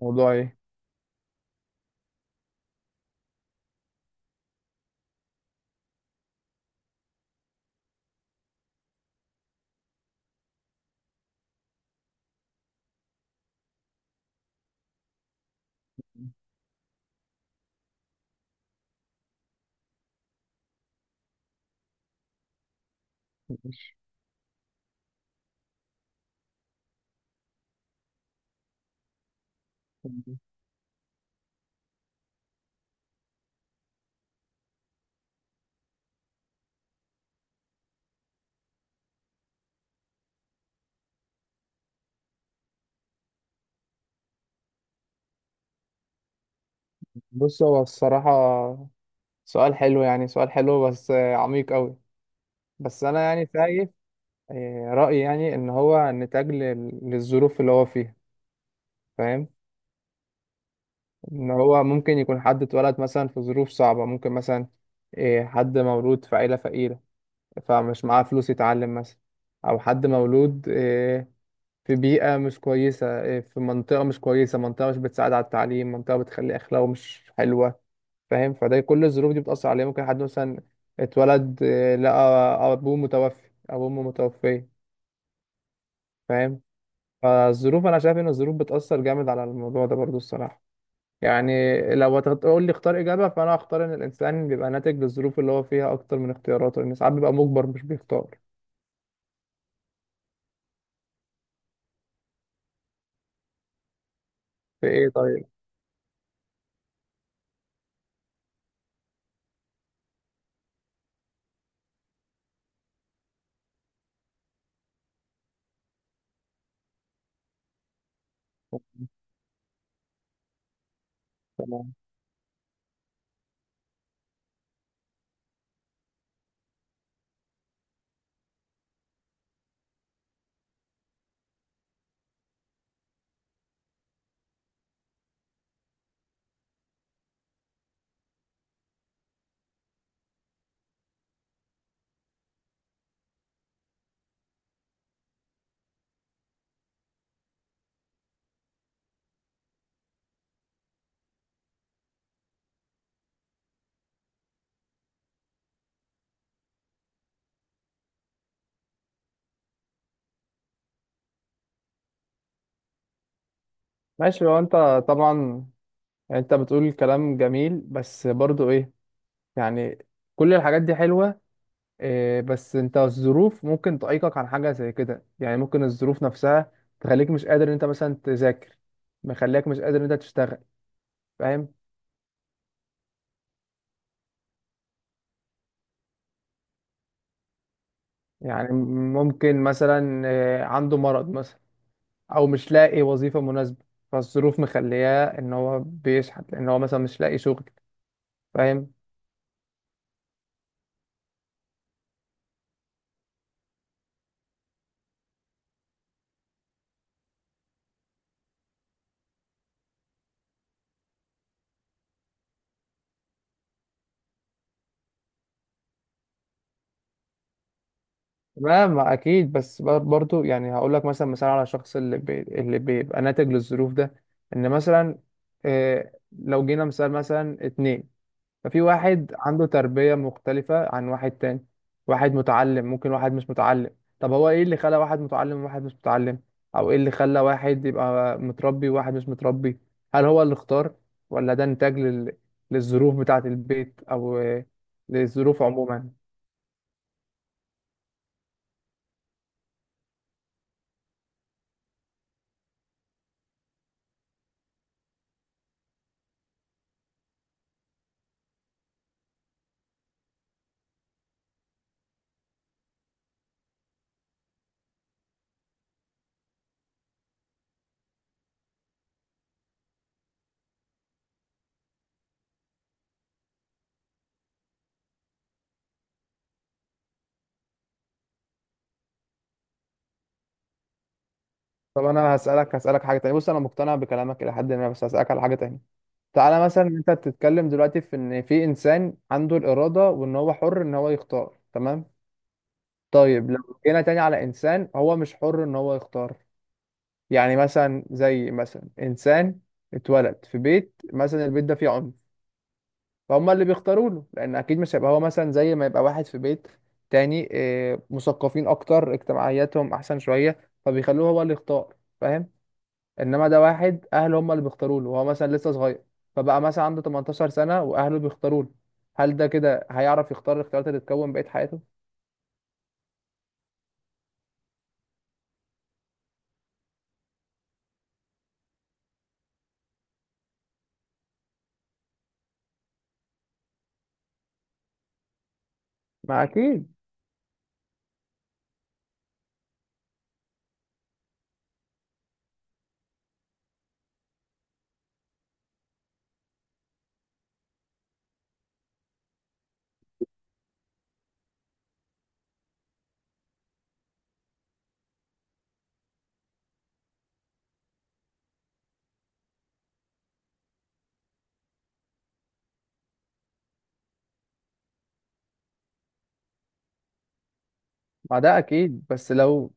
موضوع ايه؟ بص، هو الصراحة سؤال حلو، يعني سؤال حلو بس عميق قوي. بس انا يعني شايف، رأيي يعني ان هو نتاج للظروف اللي هو فيها. فاهم؟ ان هو ممكن يكون حد اتولد مثلا في ظروف صعبة، ممكن مثلا حد مولود في عيلة فقيرة، فمش معاه فلوس يتعلم مثلا، او حد مولود في بيئة مش كويسة، في منطقة مش كويسة، منطقة مش بتساعد على التعليم، منطقة بتخلي اخلاقه مش حلوة. فاهم؟ فده كل الظروف دي بتأثر عليه. ممكن حد مثلا اتولد لقى أبوه متوفي أو أمه متوفية. فاهم؟ فالظروف، أنا شايف إن الظروف بتأثر جامد على الموضوع ده برضو الصراحة. يعني لو هتقول لي اختار إجابة، فأنا هختار إن الإنسان بيبقى ناتج للظروف اللي هو فيها أكتر من اختياراته، لأن ساعات بيبقى مجبر مش بيختار. في إيه طيب؟ تمام، ماشي. هو أنت طبعا، يعني أنت بتقول كلام جميل بس برضو إيه، يعني كل الحاجات دي حلوة. بس انت الظروف ممكن تعيقك عن حاجة زي كده. يعني ممكن الظروف نفسها تخليك مش قادر ان انت مثلا تذاكر، مخليك مش قادر ان انت تشتغل. فاهم؟ يعني ممكن مثلا عنده مرض مثلا، او مش لاقي وظيفة مناسبة، فالظروف مخلياه ان هو بيشحت لان هو مثلا مش لاقي شغل. فاهم؟ تمام اكيد، بس برضو يعني هقول لك مثلا مثال على الشخص اللي اللي بيبقى ناتج للظروف ده. ان مثلا لو جينا مثال مثلا اتنين، ففي واحد عنده تربية مختلفة عن واحد تاني. واحد متعلم، ممكن واحد مش متعلم. طب هو ايه اللي خلى واحد متعلم وواحد مش متعلم؟ او ايه اللي خلى واحد يبقى متربي وواحد مش متربي؟ هل هو اللي اختار، ولا ده نتاج للظروف بتاعة البيت او للظروف عموما؟ طب انا هسألك، هسألك حاجة تانية. بص، انا مقتنع بكلامك الى حد ما، بس هسألك على حاجة تانية. تعالى مثلا، انت بتتكلم دلوقتي في ان في انسان عنده الإرادة، وان هو حر ان هو يختار، تمام. طيب لو جينا تاني على انسان هو مش حر ان هو يختار، يعني مثلا زي مثلا انسان اتولد في بيت، مثلا البيت ده فيه عنف، فهم اللي بيختاروا له، لان اكيد مش هيبقى هو مثلا زي ما يبقى واحد في بيت تاني مثقفين اكتر، اجتماعياتهم احسن شوية، فبيخلوه هو اللي يختار. فاهم؟ انما ده واحد اهله هم اللي بيختاروا له، وهو مثلا لسه صغير، فبقى مثلا عنده 18 سنة واهله بيختاروا له. هل ده كده هيعرف يختار الاختيارات اللي تكون بقية حياته؟ ما اكيد. ما ده اكيد، بس لو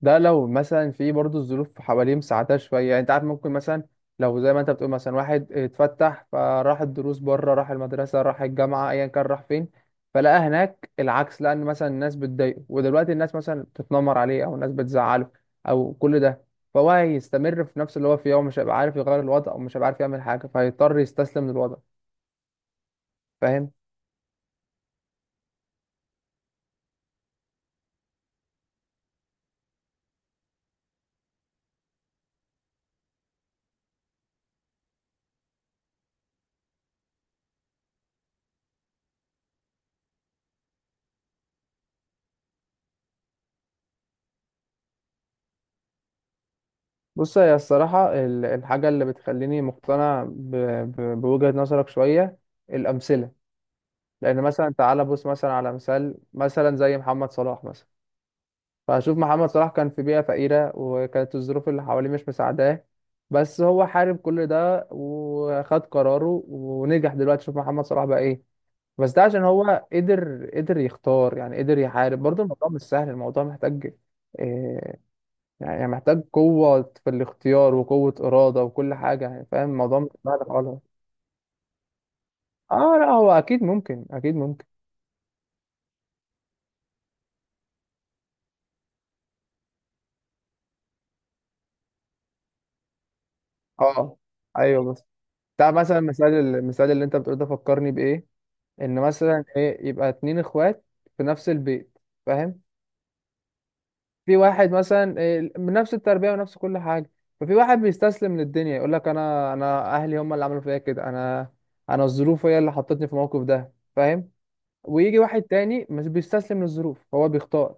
ده لو مثلا في برضه الظروف حواليه مساعدة شوية. يعني انت عارف، ممكن مثلا لو زي ما انت بتقول مثلا واحد اتفتح، فراح الدروس بره، راح المدرسة، راح الجامعة، ايا كان راح فين، فلقى هناك العكس، لأن مثلا الناس بتضايقه، ودلوقتي الناس مثلا بتتنمر عليه، أو الناس بتزعله، أو كل ده، فهو هيستمر في نفس اللي هو فيه، ومش هيبقى عارف يغير الوضع، ومش هيبقى عارف يعمل حاجة، فهيضطر يستسلم للوضع. فاهم؟ بص، هي الصراحة الحاجة اللي بتخليني مقتنع بوجهة نظرك شوية، الأمثلة. لان مثلا تعالى بص مثلا على مثال مثلا زي محمد صلاح مثلا. فهشوف محمد صلاح كان في بيئة فقيرة، وكانت الظروف اللي حواليه مش مساعداه، بس هو حارب كل ده وخد قراره ونجح. دلوقتي شوف محمد صلاح بقى ايه. بس ده عشان هو قدر يختار. يعني قدر يحارب. برضه الموضوع مش سهل، الموضوع محتاج إيه، يعني محتاج قوة في الاختيار وقوة إرادة وكل حاجة. يعني فاهم، الموضوع مش سهل خالص. اه، لا، هو أكيد ممكن، أكيد ممكن. اه، ايوه، بس بتاع مثلا المثال، المثال اللي انت بتقول ده فكرني بايه، ان مثلا ايه يبقى اتنين اخوات في نفس البيت. فاهم؟ في واحد مثلا إيه، بنفس التربيه ونفس كل حاجه، ففي واحد بيستسلم للدنيا، يقول لك انا اهلي هم اللي عملوا فيا كده، انا، انا الظروف هي اللي حطتني في الموقف ده. فاهم؟ ويجي واحد تاني مش بيستسلم للظروف، هو بيختار،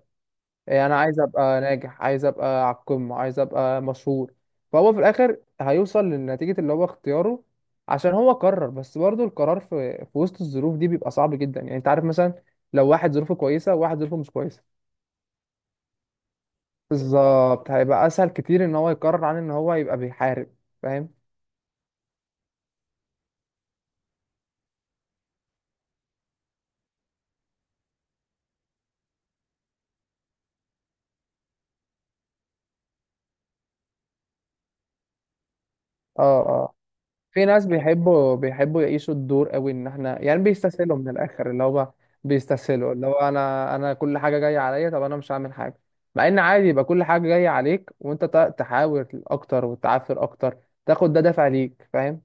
إيه، انا عايز ابقى ناجح، عايز ابقى على القمه، عايز ابقى مشهور، فهو في الاخر هيوصل لنتيجه اللي هو اختياره، عشان هو قرر. بس برضه القرار في وسط الظروف دي بيبقى صعب جدا. يعني انت عارف، مثلا لو واحد ظروفه كويسه وواحد ظروفه مش كويسه. بالظبط، هيبقى اسهل كتير ان هو يقرر عن ان هو يبقى بيحارب. فاهم؟ اه، في ناس بيحبوا يعيشوا الدور قوي، ان احنا يعني بيستسهلوا من الاخر اللي هو بيستسهلوا اللي هو انا، انا كل حاجه جايه عليا، طب انا مش هعمل حاجه. مع ان عادي يبقى كل حاجه جايه عليك وانت تحاول اكتر وتعافر اكتر، تاخد ده دافع ليك. فاهم؟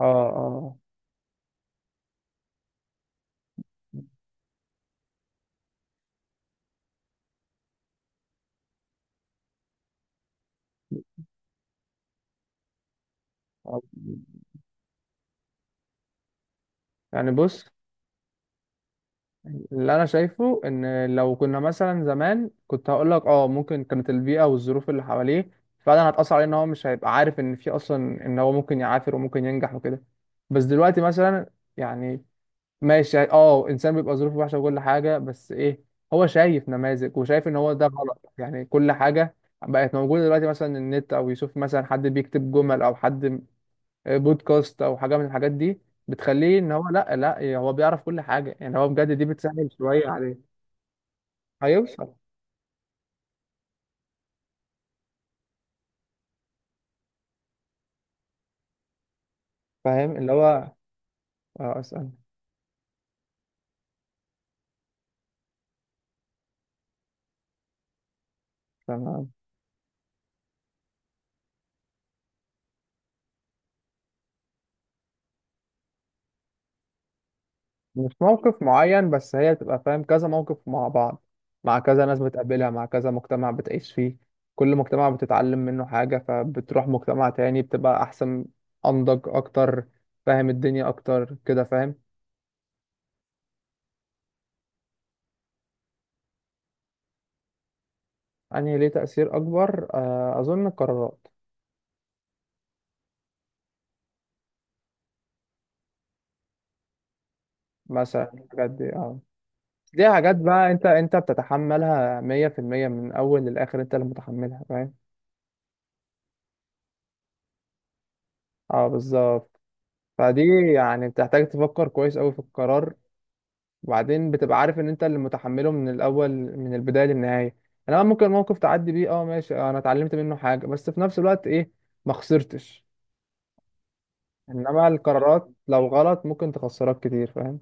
اه، اه، آه. يعني بص، اللي انا شايفه ان لو كنا مثلا زمان كنت هقول لك اه ممكن كانت البيئه والظروف اللي حواليه فعلا هتاثر عليه، ان هو مش هيبقى عارف ان في اصلا ان هو ممكن يعافر وممكن ينجح وكده. بس دلوقتي مثلا، يعني ماشي، يعني اه انسان بيبقى ظروفه وحشه وكل حاجه، بس ايه، هو شايف نماذج وشايف ان هو ده غلط. يعني كل حاجه بقت موجوده دلوقتي، مثلا النت، او يشوف مثلا حد بيكتب جمل، او حد بودكاست او حاجه من الحاجات دي، بتخليه ان هو لا لا هو بيعرف كل حاجه. يعني هو بجد دي بتسهل شويه عليه هيوصل. فاهم؟ اللي هو اسال. تمام، مش موقف معين، بس هي بتبقى فاهم كذا موقف مع بعض، مع كذا ناس بتقابلها، مع كذا مجتمع بتعيش فيه. كل مجتمع بتتعلم منه حاجه، فبتروح مجتمع تاني بتبقى احسن، انضج اكتر، فاهم الدنيا اكتر كده. فاهم؟ يعني ليه تأثير اكبر اظن القرارات. مثلا الحاجات دي آه. دي حاجات بقى انت بتتحملها 100% من اول للاخر، انت اللي متحملها. فاهم؟ اه، بالظبط. فدي، يعني بتحتاج تفكر كويس قوي في القرار، وبعدين بتبقى عارف ان انت اللي متحمله من الاول، من البدايه للنهايه. انا ممكن موقف تعدي بيه اه ماشي، اه انا اتعلمت منه حاجه، بس في نفس الوقت ايه، ما خسرتش. انما القرارات لو غلط ممكن تخسرك كتير. فاهم؟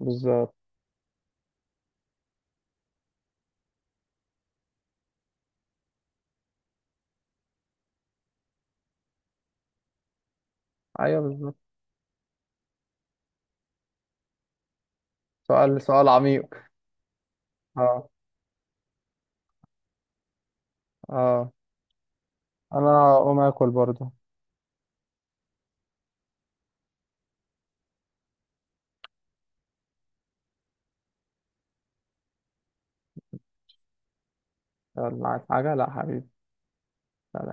بالظبط. ايوه بالظبط. سؤال سؤال عميق. اه، اه، انا هقوم اكل برضه. يلا عايز حاجه؟ لا حبيبي. سلام.